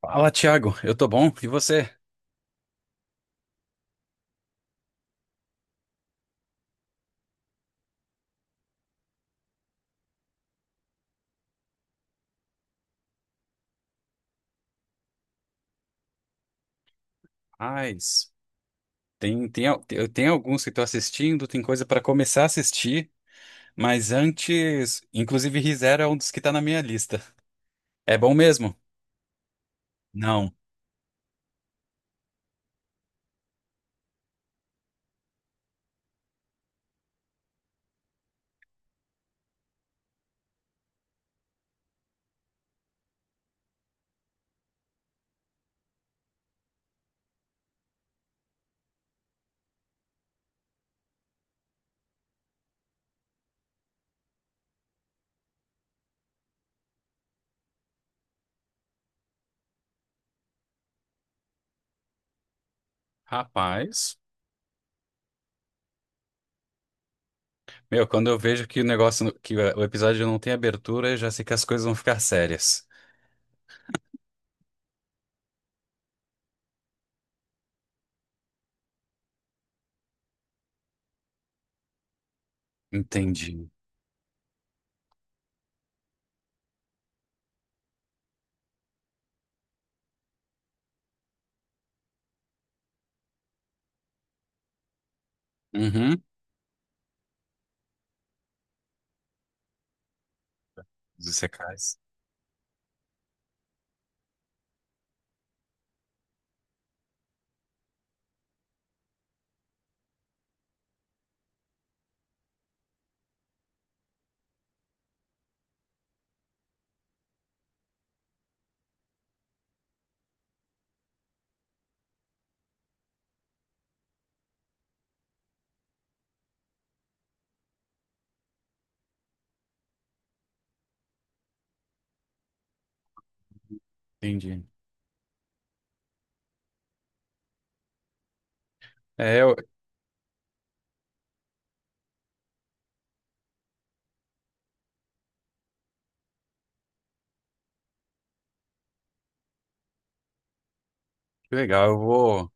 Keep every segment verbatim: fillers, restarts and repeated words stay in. Fala, Thiago. Eu tô bom. E você? Mas tem, tem, al- eu tenho alguns que tô assistindo, tem coisa pra começar a assistir, mas antes, inclusive ReZero é um dos que tá na minha lista. É bom mesmo? Não. Rapaz, meu, quando eu vejo que o negócio, que o episódio não tem abertura, eu já sei que as coisas vão ficar sérias. Entendi. Uhum. Os secais. Entendi. É, eu- que legal. Eu vou.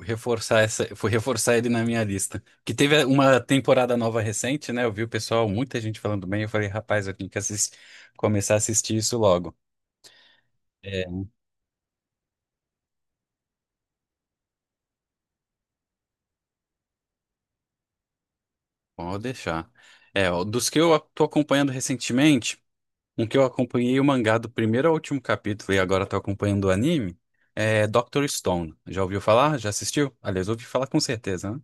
Reforçar essa, Vou reforçar ele na minha lista. Que teve uma temporada nova recente, né? Eu vi o pessoal, muita gente falando bem. Eu falei, rapaz, eu tenho que assis- começar a assistir isso logo. É, pode deixar. É, ó, dos que eu tô acompanhando recentemente, um que eu acompanhei o mangá do primeiro ao último capítulo e agora tô acompanhando o anime, é doutor Stone. Já ouviu falar? Já assistiu? Aliás, ouvi falar com certeza, né?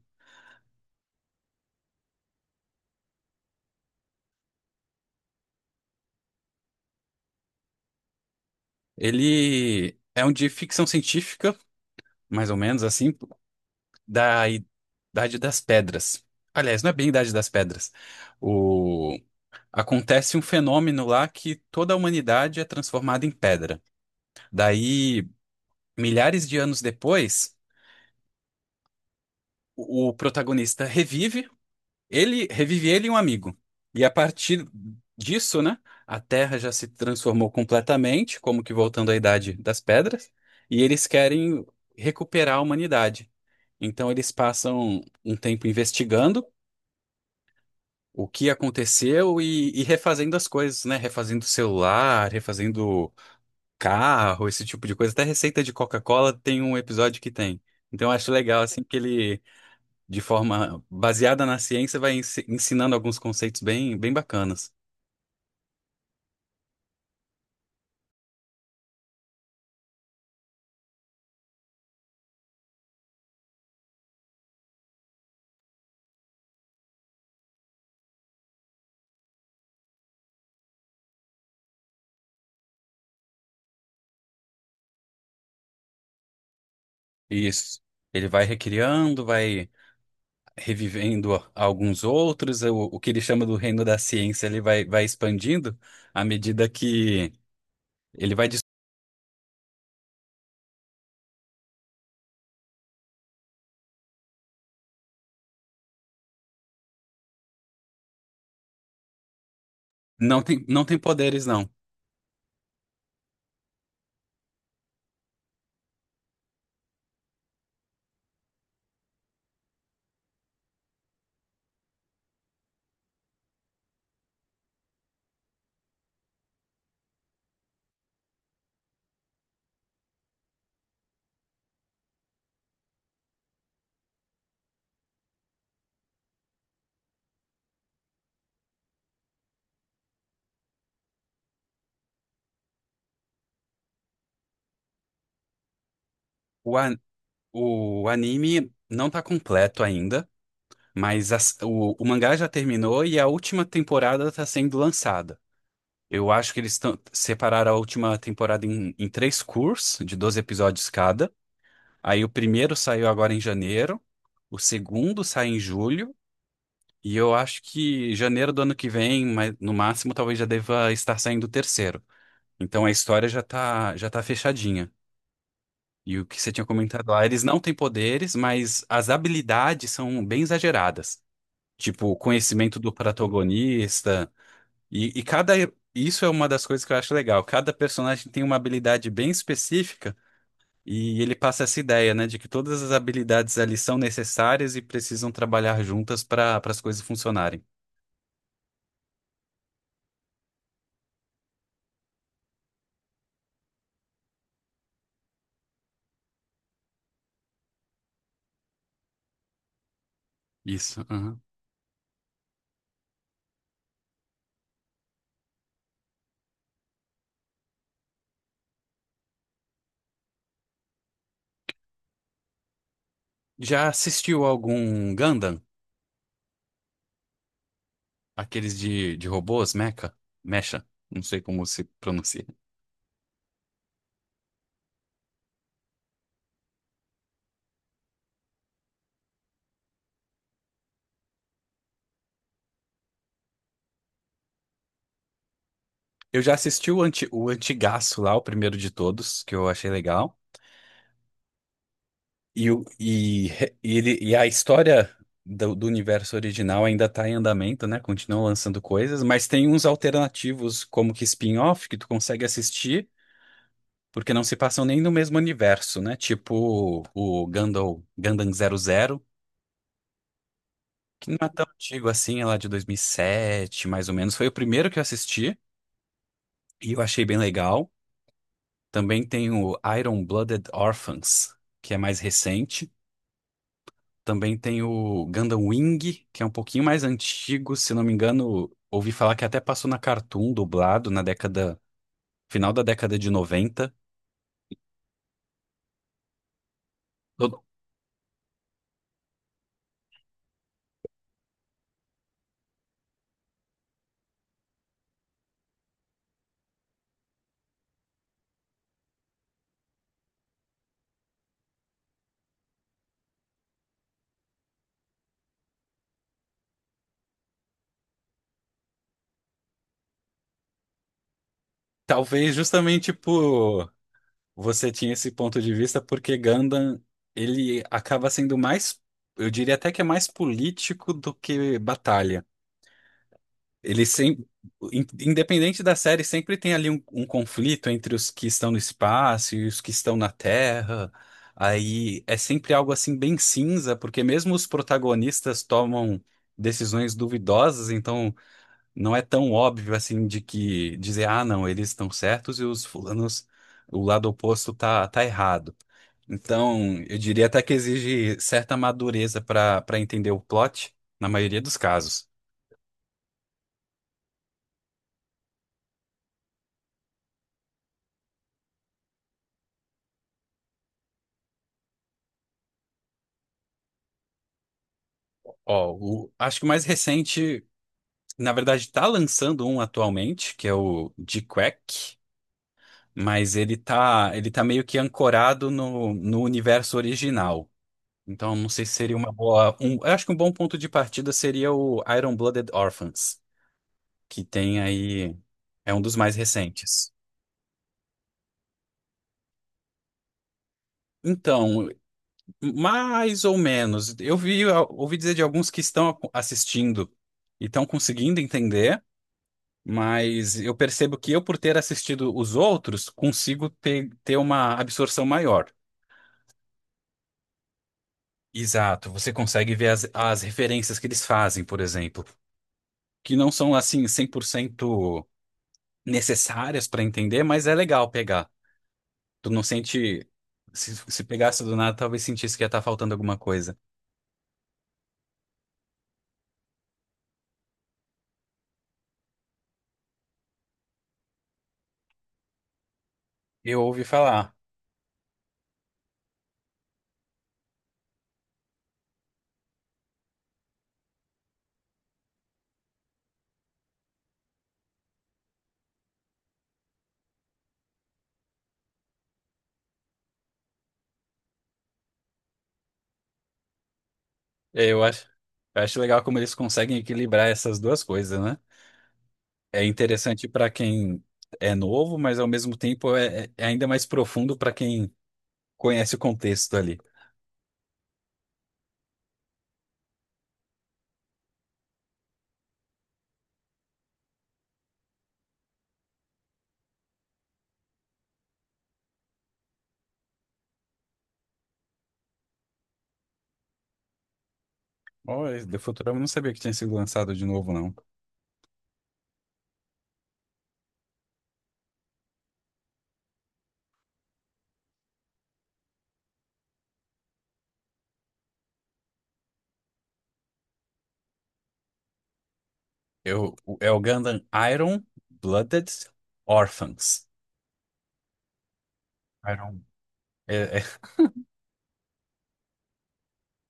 Ele é um de ficção científica, mais ou menos assim, da Idade das Pedras. Aliás, não é bem Idade das Pedras. O... Acontece um fenômeno lá que toda a humanidade é transformada em pedra. Daí, milhares de anos depois, o o protagonista revive, ele revive ele e um amigo. E a partir disso, né, a Terra já se transformou completamente, como que voltando à Idade das Pedras, e eles querem recuperar a humanidade. Então eles passam um tempo investigando o que aconteceu e, e refazendo as coisas, né? Refazendo celular, refazendo carro, esse tipo de coisa. Até receita de Coca-Cola tem um episódio que tem. Então eu acho legal, assim, que ele, de forma baseada na ciência, vai ensi- ensinando alguns conceitos bem, bem bacanas. E isso. Ele vai recriando, vai revivendo alguns outros, o, o que ele chama do reino da ciência, ele vai, vai expandindo à medida que ele vai. des- Não tem, não tem poderes, não. O, a- O anime não tá completo ainda, mas as- o, o mangá já terminou e a última temporada tá sendo lançada. Eu acho que eles tão- separaram a última temporada em, em três cursos, de doze episódios cada. Aí o primeiro saiu agora em janeiro, o segundo sai em julho, e eu acho que janeiro do ano que vem, mas no máximo, talvez já deva estar saindo o terceiro. Então a história já tá, já tá fechadinha. E o que você tinha comentado lá, eles não têm poderes, mas as habilidades são bem exageradas. Tipo, o conhecimento do protagonista. E, e cada. Isso é uma das coisas que eu acho legal. Cada personagem tem uma habilidade bem específica e ele passa essa ideia, né, de que todas as habilidades ali são necessárias e precisam trabalhar juntas para para as coisas funcionarem. Isso. Aham. Já assistiu algum Gundam? Aqueles de, de robôs, mecha? Mecha? Não sei como se pronuncia. Eu já assisti o, anti, o Antigaço lá, o primeiro de todos, que eu achei legal. E, o- e, re- e ele, e a história do, do universo original ainda está em andamento, né? Continuam lançando coisas, mas tem uns alternativos, como que spin-off, que tu consegue assistir, porque não se passam nem no mesmo universo, né? Tipo o Gundam, Gundam zero zero, que não é tão antigo assim, é lá de dois mil e sete mais ou menos. Foi o primeiro que eu assisti e eu achei bem legal. Também tem o Iron-Blooded Orphans, que é mais recente. Também tem o Gundam Wing, que é um pouquinho mais antigo, se não me engano, ouvi falar que até passou na Cartoon dublado na década, final da década de noventa. Eu- Talvez justamente por você tinha esse ponto de vista, porque Gundam, ele acaba sendo mais, eu diria até que é mais político do que batalha. Ele sempre, in- independente da série, sempre tem ali um, um conflito entre os que estão no espaço e os que estão na Terra. Aí é sempre algo assim bem cinza, porque mesmo os protagonistas tomam decisões duvidosas, então não é tão óbvio assim de que dizer, ah, não, eles estão certos e os fulanos, o lado oposto tá, tá errado. Então, eu diria até que exige certa madureza para para entender o plot na maioria dos casos. Ó, o- acho que o mais recente, na verdade, tá lançando um atualmente, que é o G-Quack, mas ele tá, ele tá meio que ancorado no, no universo original. Então, não sei se seria uma boa. Um, eu acho que um bom ponto de partida seria o Iron-Blooded Orphans, que tem aí. É um dos mais recentes. Então, mais ou menos. Eu vi, ouvi dizer de alguns que estão assistindo e estão conseguindo entender. Mas eu percebo que eu, por ter assistido os outros, consigo ter, ter uma absorção maior. Exato, você consegue ver as, as referências que eles fazem, por exemplo, que não são assim cem por cento necessárias para entender, mas é legal pegar. Tu não sente. Se, se pegasse do nada, talvez sentisse que ia estar faltando alguma coisa. Eu ouvi falar. É, Eu acho, eu acho legal como eles conseguem equilibrar essas duas coisas, né? É interessante para quem é novo, mas ao mesmo tempo é, é ainda mais profundo para quem conhece o contexto ali. Oh, esse The Futurama eu não sabia que tinha sido lançado de novo, não. Eu, o- é o Gundam Iron Blooded Orphans. Iron. É, é,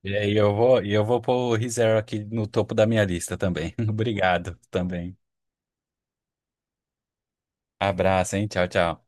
e aí eu vou, e eu vou pôr o ReZero aqui no topo da minha lista também. Obrigado também. Abraço, hein? Tchau, tchau.